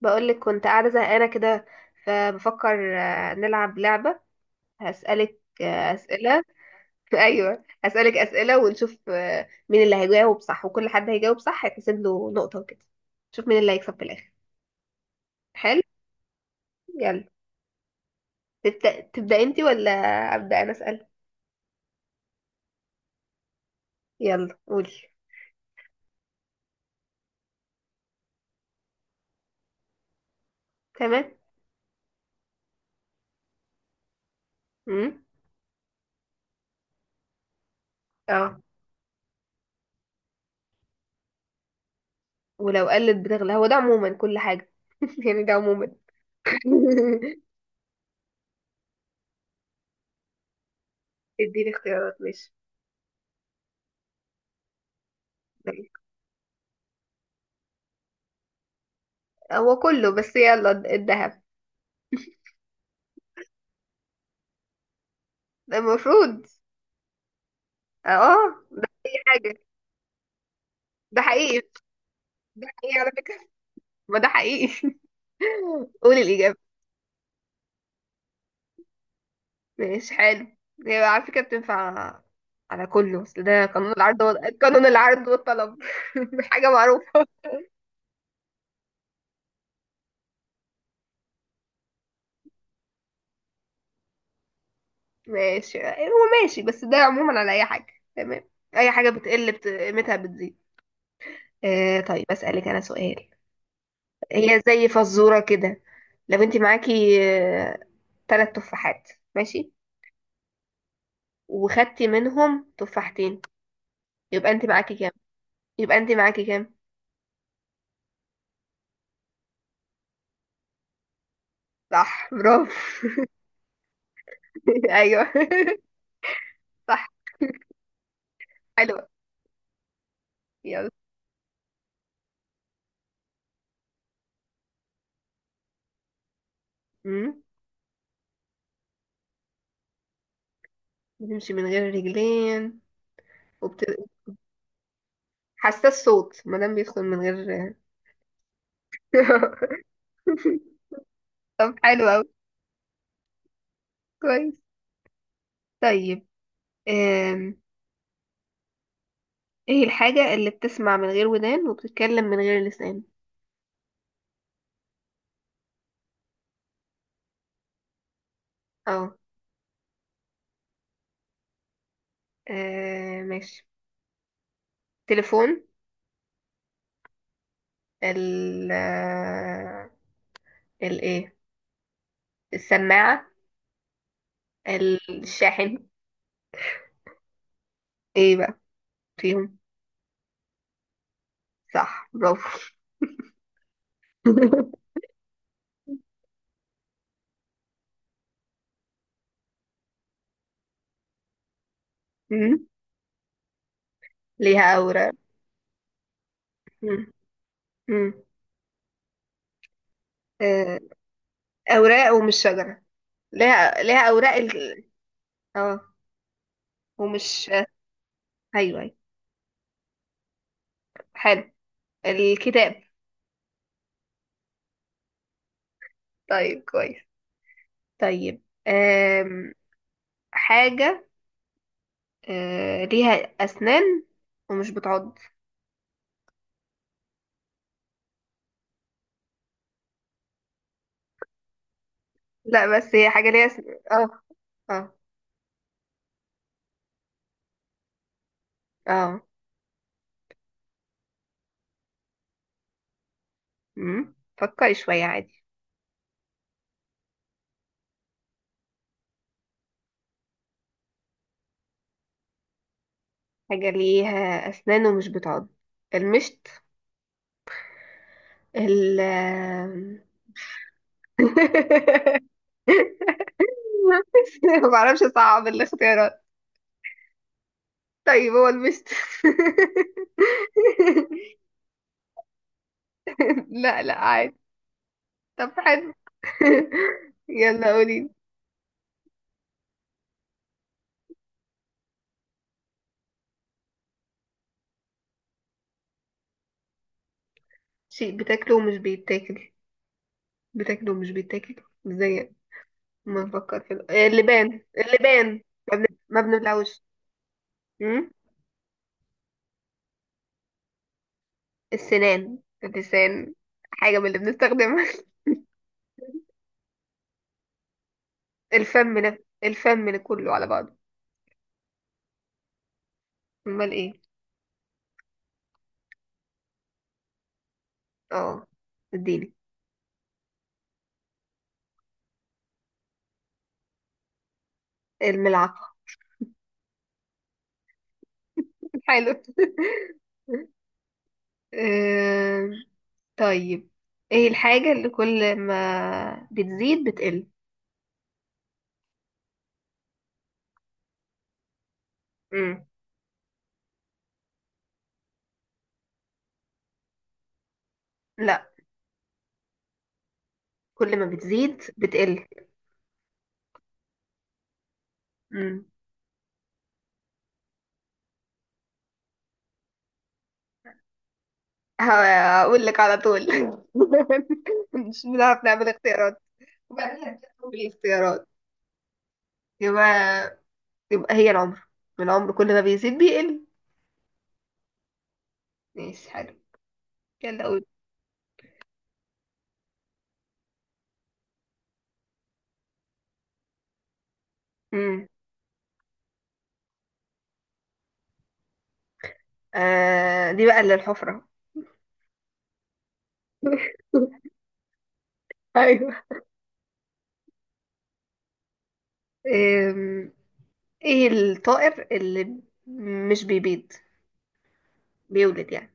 بقولك كنت قاعدة زهقانة كده. فبفكر نلعب لعبة. هسألك أسئلة. أيوة، هسألك أسئلة ونشوف مين اللي هيجاوب صح، وكل حد هيجاوب صح هيتحسب له نقطة وكده. نشوف مين اللي هيكسب في الآخر. حلو. يلا. تبدأ انتي ولا أبدأ أنا أسأل؟ يلا قولي. تمام. امم. اه. ولو قلت بتغلى هو ده عموما كل حاجة. يعني ده عموما. اديني اختيارات، ماشي. هو كله، بس يلا الذهب. المفروض. اه ده. اي حاجة. ده حقيقي. ده حقيقي على فكرة. ما ده حقيقي. قولي الإجابة. ماشي، حلو. هي على فكرة بتنفع على كله، بس ده قانون العرض قانون العرض والطلب. حاجة معروفة. ماشي، هو ماشي، بس ده عموما على أي حاجة. تمام. أي حاجة بتقل قيمتها بتزيد. طيب بسألك أنا سؤال. هي زي فزورة كده. لو انت معاكي تلات تفاحات، ماشي، وخدتي منهم تفاحتين، يبقى انت معاكي كام؟ يبقى انت معاكي كام؟ صح، برافو. ايوه. صح. حلوة. يلا. امم. بتمشي من غير رجلين وبت... حساس صوت ما دام بيدخل من غير. طب حلو قوي. كويس. طيب. أم... ايه الحاجة اللي بتسمع من غير ودان وبتتكلم من غير لسان؟ اه. ماشي. تليفون. ال آه، ال ايه، السماعة، الشاحن. ايه بقى فيهم؟ صح، برافو. مم. ليها أوراق. مم. مم. آه، أوراق ومش شجرة. ليها أوراق اه. ومش أيوه، أيوه. حلو. الكتاب. طيب كويس. طيب، حاجة. ليها أسنان ومش بتعض. لا، بس هي حاجة ليها أسنان، اه. اه. اه. مم. فكري شوية عادي. حاجة ليها أسنان ومش بتعض. المشط. ال ما بعرفش، اصعب الاختيارات. طيب هو المستر. لا لا، عادي. طب حلو. يلا قولي. شيء بتاكله ومش بيتاكل. بتاكله ومش بيتاكل؟ ازاي؟ ما نفكر في اللبان، اللبان. ما بنبلعوش. أم؟ السنان. اللسان. حاجة من اللي بنستخدمها. الفم الفم كله على بعضه. امال ايه؟ اه. اديني. الملعقة. حلو. آه، طيب، ايه الحاجة اللي كل ما بتزيد بتقل؟ مم. لا. كل ما بتزيد بتقل. مم. هقول لك على طول. مش بنعرف نعمل اختيارات. وبعدين هتقول الاختيارات. يبقى يبقى هي العمر. العمر كل ما بيزيد بيقل. ماشي، حلو. يلا قول. مم. آه، دي بقى اللي الحفرة. ايوه. أم، ايه الطائر اللي مش بيبيض، بيولد يعني؟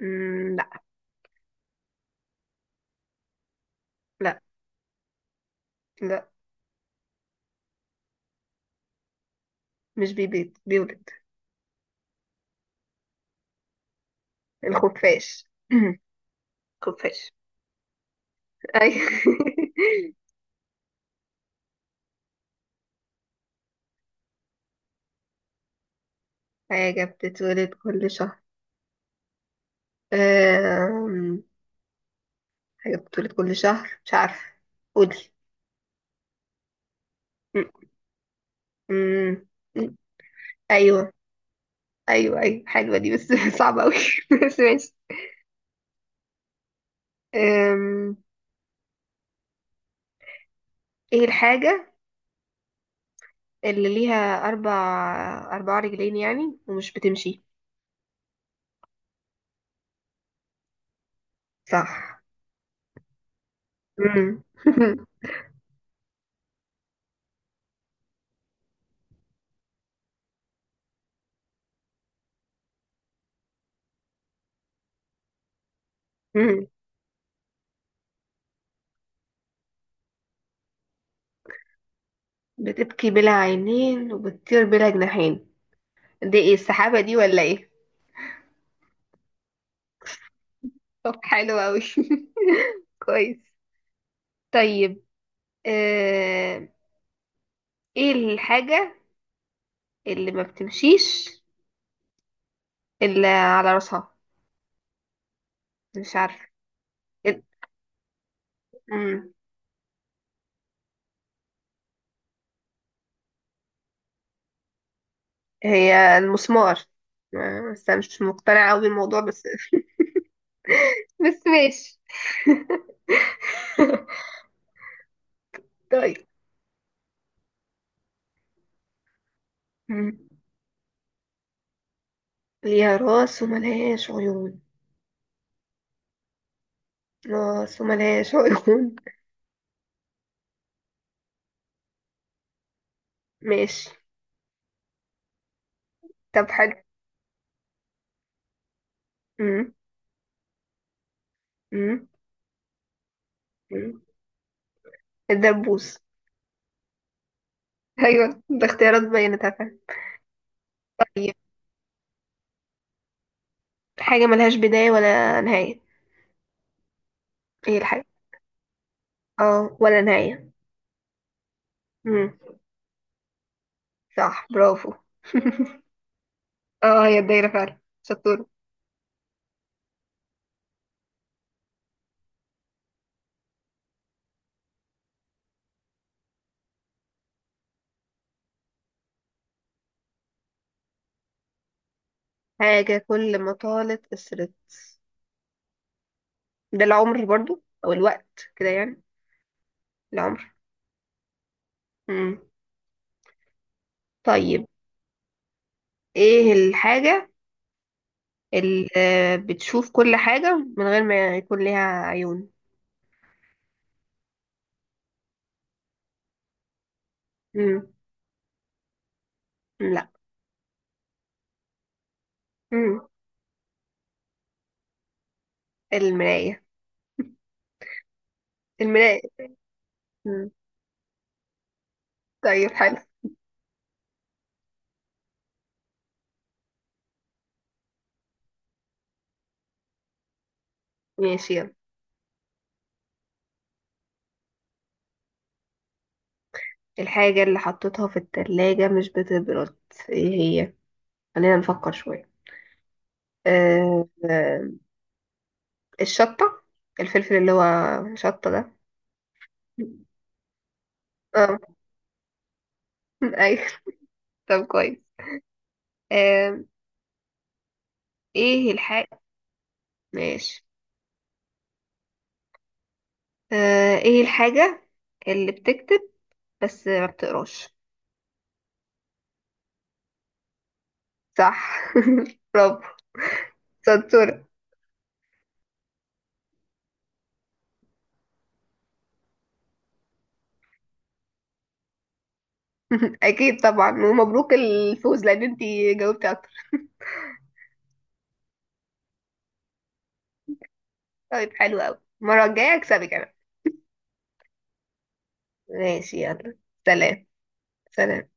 مم، لا. لا. لا مش بيبيض، بيولد. الخفاش. خفاش. أي. حاجة بتتولد كل شهر. أم... حاجة بتتولد كل شهر، مش عارفة، قولي. م- م- م- أيوه. أيوه، أيوه، حلوة دي، بس صعبة أوي. بس ماشي. أم... إيه الحاجة اللي ليها أربع، أربع رجلين يعني، ومش بتمشي؟ صح. م- م- بتبكي بلا عينين وبتطير بلا جناحين، دي ايه، السحابة دي ولا ايه؟ طب حلو اوي. كويس. طيب. آه... ايه الحاجة اللي ما بتمشيش الا على راسها؟ مش عارفة. ال- مم. هي المسمار. بس انا مش مقتنعة اوي بالموضوع بس. بس ماشي. طيب. مم. ليها راس وملهاش عيون. راس وملهاش عيون، ماشي. طب حلو. مم. مم. مم. الدبوس. ايوه، ده اختيارات بينت. حاجة ملهاش بداية ولا نهاية. ايه الحاجة؟ اه، ولا نهاية. امم. صح، برافو. اه، هي الدايرة فعلا شطورة. حاجة كل ما طالت قصرت. ده العمر برضو او الوقت كده يعني. العمر. امم. طيب، ايه الحاجة اللي بتشوف كل حاجة من غير ما يكون ليها عيون؟ امم. لا. امم. المراية. المراية. مم. طيب حلو. ماشي يلا. الحاجة اللي حطيتها في التلاجة مش بتبرد، ايه هي؟ خلينا نفكر شوية. آه، آه، الشطة. الفلفل اللي هو شطة ده. اه. ايوه. طب كويس. آه، ايه الحاجة. ماشي. ايه الحاجة اللي بتكتب بس ما بتقراش؟ صح. برافو. سنتورة. اكيد طبعا، ومبروك الفوز، لان انتي جاوبتي اكتر. طيب، حلو قوي، المرة الجاية اكسبك انا. ماشي يلا. سلام. سلام.